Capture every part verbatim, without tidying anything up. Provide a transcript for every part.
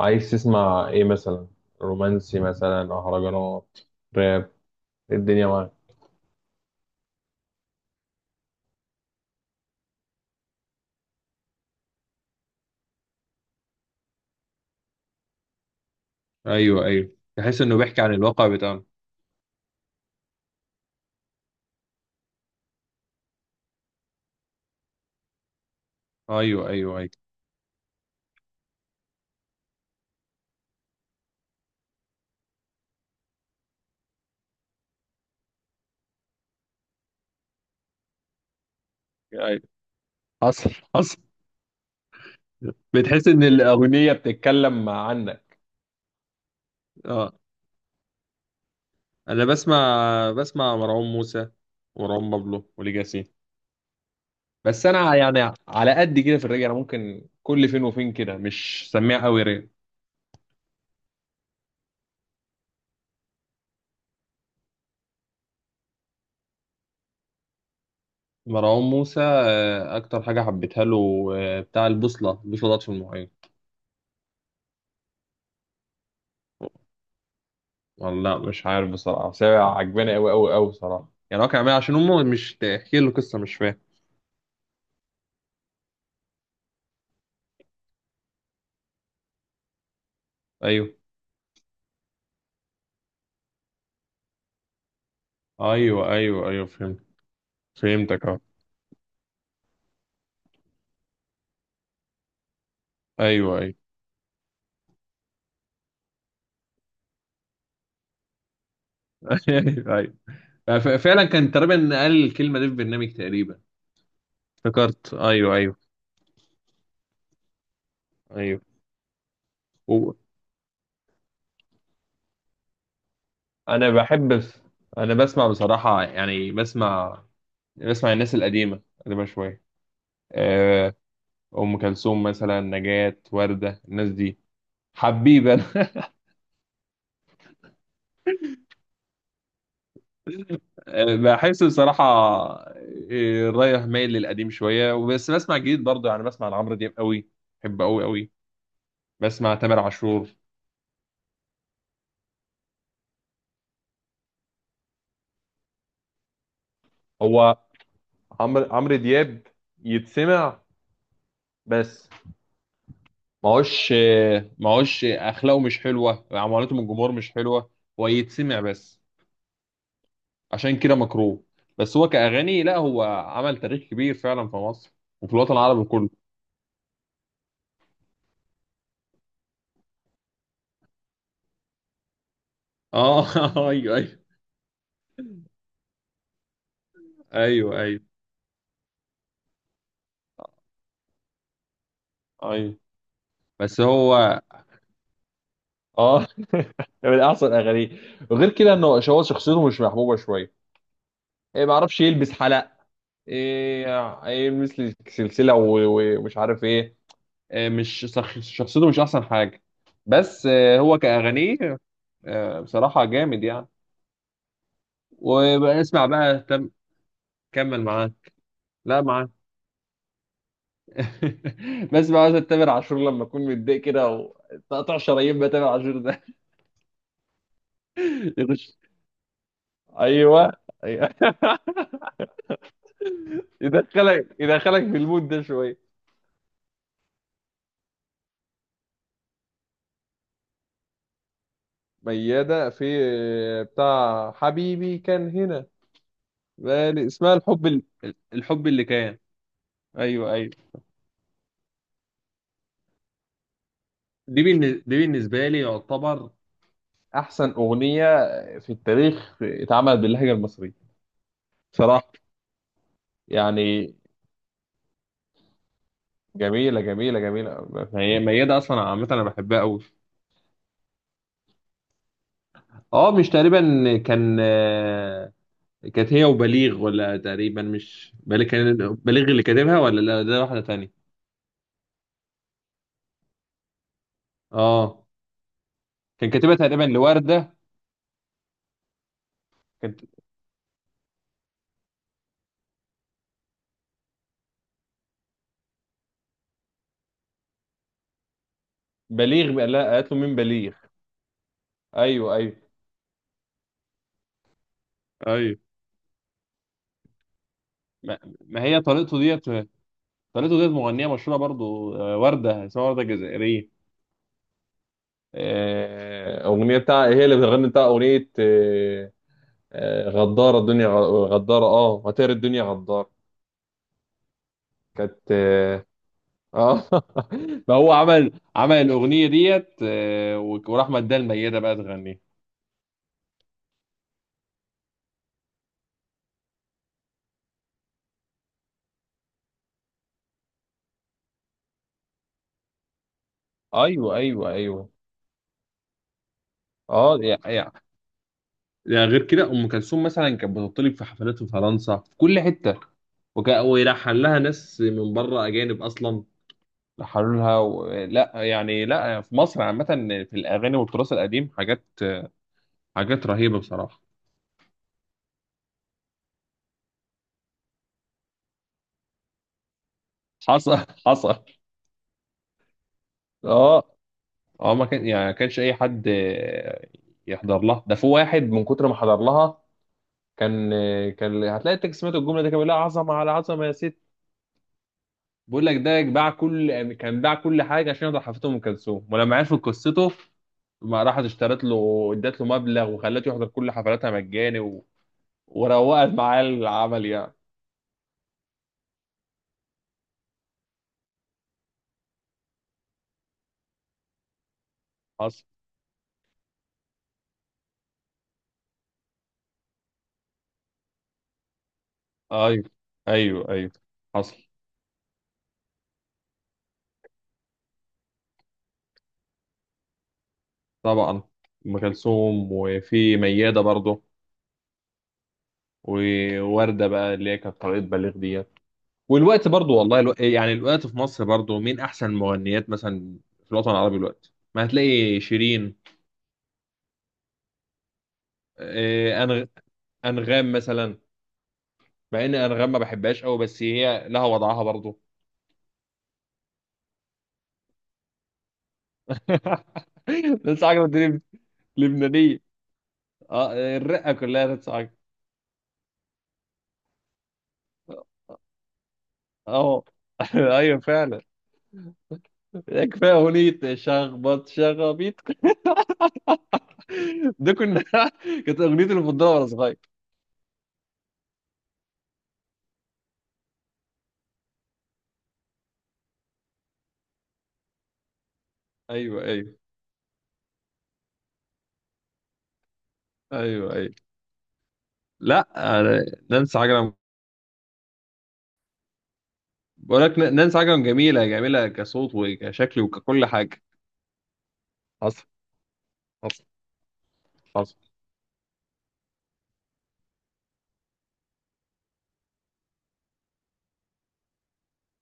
عايز تسمع ايه مثلا؟ رومانسي مثلا، مهرجانات، راب؟ إيه الدنيا معاك؟ ايوه ايوه، تحس انه بيحكي عن الواقع بتاعنا. ايوه ايوه ايوه ايوه. حصل، حصل. بتحس ان الاغنيه بتتكلم عنك. اه، انا بسمع، بسمع مروان موسى ومروان بابلو وليجاسي. بس انا يعني على قد كده في الراب، انا ممكن كل فين وفين كده مش سميع قوي راب. مروان موسى، آه، اكتر حاجه حبيتها له، آه، بتاع البوصله، البوصله ضاعت في المحيط. والله مش عارف بصراحة، بس هي عجباني أوي أوي أوي بصراحة. يعني هو كان عاملها عشان أمه، مش تحكي له قصة، مش فاهم. أيوه أيوه أيوه أيوه فهمت. فهمتك أه. أيوه أيوه. أيوه أيوه. يعني ف- فعلا كان تقريبا قال الكلمة دي في برنامج تقريبا. افتكرت، أيوه أيوه أيوه. و- أنا بحب بس. أنا بسمع بصراحة، يعني بسمع، بسمع الناس القديمة، قديمة شوية. آه، أم كلثوم مثلا، نجاة، وردة، الناس دي. حبيبي أنا. بحس بصراحة إيه، رايح مايل للقديم شوية، وبس بسمع جديد برضه. يعني بسمع لعمرو دياب قوي، بحبه قوي قوي. بسمع تامر عاشور. هو عمرو عمرو دياب يتسمع بس، معوش معوش أخلاقه مش حلوة، معاملته من الجمهور مش حلوة. هو يتسمع بس، عشان كده مكروه. بس هو كأغاني لا، هو عمل تاريخ كبير فعلا في مصر وفي الوطن العربي كله. اه. ايوه ايوه ايوه ايوه ايوه. بس هو اه، من احسن اغانيه. وغير كده انه هو شخصيته مش محبوبه شويه. إيه، ما اعرفش، يلبس حلق، ايه، إيه يلبس لي سلسله و- و- ومش عارف ايه. إيه، مش شخ- شخصيته مش احسن حاجه. بس آه، هو كاغانيه آه، بصراحه جامد يعني. واسمع بقى تم. كمل معاه. لا معاه. بسمع مثلا تامر عاشور لما اكون متضايق كده، وتقطع شرايين بقى تامر عاشور ده. يخش. ايوه، ايوه. يدخلك، يدخلك في المود ده شويه. ميادة في بتاع حبيبي كان هنا. بالي- اسمها الحب ال- الحب اللي كان. ايوه ايوه. دي بالن- دي بالنسبه لي يعتبر احسن اغنيه في التاريخ اتعملت باللهجه المصريه، صراحه يعني. جميله جميله جميله. هي ميادة اصلا عامه انا بحبها قوي. اه، مش تقريبا. كان آه، كانت هي وبليغ، ولا تقريبا مش بليغ كان؟ بليغ اللي كاتبها، ولا لا، ده واحده تانية. اه، كان كاتبها تقريبا لوردة. كانت. بليغ بقى؟ لا، قالت له مين بليغ. ايوه ايوه ايوه. ما, ما هي طريقته ديت. طريقته ديت مغنية مشهورة برضو، آه، وردة اسمها وردة الجزائرية. آه، أغنية بتاع، هي اللي بتغني بتاع أغنية آه، آه، غدارة الدنيا، غ- غدارة، اه، هتقري الدنيا غدارة. كانت اه. آه. ما هو عمل عمل الأغنية ديت، آه، وراح مداها الميتة بقى تغنيها. ايوه ايوه ايوه. اه يعني، يعني غير كده ام كلثوم مثلا كانت بتطلب في حفلات في فرنسا في كل حته، وك... ويلحن لها ناس من بره، اجانب اصلا لحنوا لها. و... لا يعني، لا في مصر عامه، في الاغاني والتراث القديم، حاجات حاجات رهيبه بصراحه. حصل، حصل. اه، اه، ما كان يعني ما كانش اي حد آه، يحضر لها. ده في واحد من كتر ما حضر لها كان آه، كان هتلاقي التكست، سمعت الجمله دي، كان بيقول لها عظمه على عظمه يا ست. بقول لك، ده باع كل، كان باع كل حاجه عشان يقدر حفلة ام كلثوم، ولما عرفوا قصته ما راحت اشترت له، ادت له مبلغ وخلته يحضر كل حفلاتها مجاني و... وروقت معاه العمل يعني. حصل، ايوه ايوه ايوه، حصل. طبعا، ام كلثوم، وفي مياده برضه، وورده بقى اللي هي كانت طريقه بليغ ديت. والوقت برضه، والله الو... يعني الوقت في مصر برضه مين احسن مغنيات مثلا. في الوطن العربي الوقت ما هتلاقي شيرين، آه، أنغ... انغام مثلا. مع ان انغام ما بحبهاش قوي، بس هي لها وضعها برضه. نانسي عجرم دي. لبنانيه، اه، الرقه كلها نانسي عجرم. اه. ايوه فعلا. كفايه اغنيه شخبط شخابيط. ده كنا. كانت اغنيتي المفضله وانا صغير. ايوه ايوه ايوه ايوه. لا، أنا نانسي عجرم. بقول لك نانسي عجرم جميله جميله، كصوت وكشكل وككل حاجه. حصل، حصل، حصل.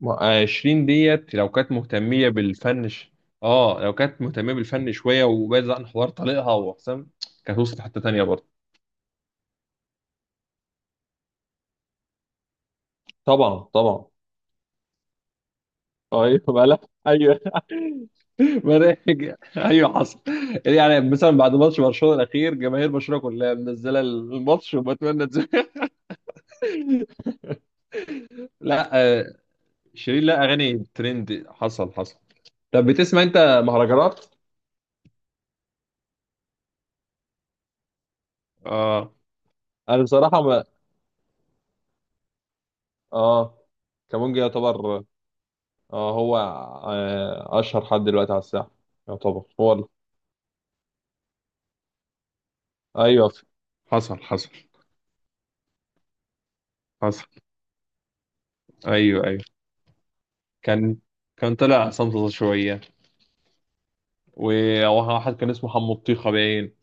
ما- عشرين ديت لو كانت مهتمية بالفن ش... اه، لو كانت مهتمية بالفن شوية وبعدت عن حوار طليقها وحسام، كانت وصلت حتة تانية برضه. طبعا، طبعا. ايوه بلا. ايوه. مناهج، ايوه حصل. يعني، يعني مثلا بعد ماتش برشلونه الاخير، جماهير برشلونه كلها منزله الماتش وبتمنى تزهق. لا، آه، شيرين لا اغاني ترند. حصل، حصل. طب بتسمع انت مهرجانات؟ اه، انا بصراحه ما، اه، كمونجا يعتبر، اه، هو آه، اشهر حد دلوقتي على الساحه. يعتبر هو ال- ايوه ف- حصل، حصل، حصل. أيوه أيوه. كان، كان طلع صمصة شوية. وواحد كان اسمه حمو الطيخة باين.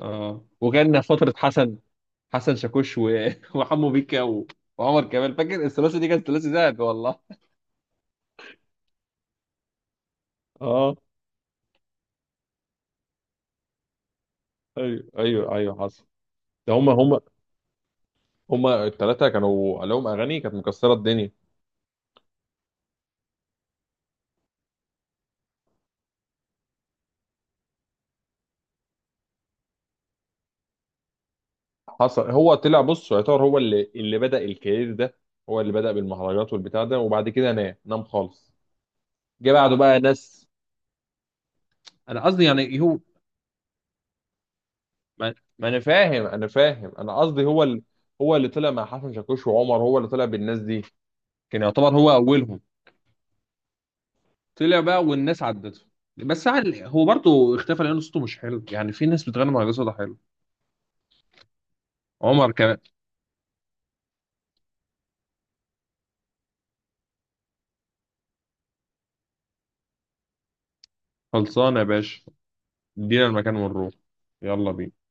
آه، وكان فترة حسن. حسن شاكوش و... وحمو بيكا و... وعمر كمال، فاكر الثلاثي دي؟ كانت ثلاثي ذهب والله. اه، ايوه ايوه ايوه، حصل. ده هم، هم هم الثلاثه كانوا لهم اغاني كانت مكسره الدنيا. حصل، هو طلع بص، يعتبر هو اللي اللي بدأ الكارير ده، هو اللي بدأ بالمهرجانات والبتاع ده، وبعد كده نام، نام خالص. جه بعده بقى ناس. انا قصدي يعني إيه، هو، ما, ما انا فاهم، انا فاهم، انا قصدي هو ال... هو اللي طلع مع حسن شاكوش وعمر، هو اللي طلع بالناس دي. كان يعتبر هو اولهم. طلع بقى والناس عدته. بس عل- هو برضه اختفى لان صوته مش حلو. يعني في ناس بتغني مهرجان صوتها حلو. عمر كمان. خلصانه يا باشا. ادينا المكان ونروح. يلا بينا.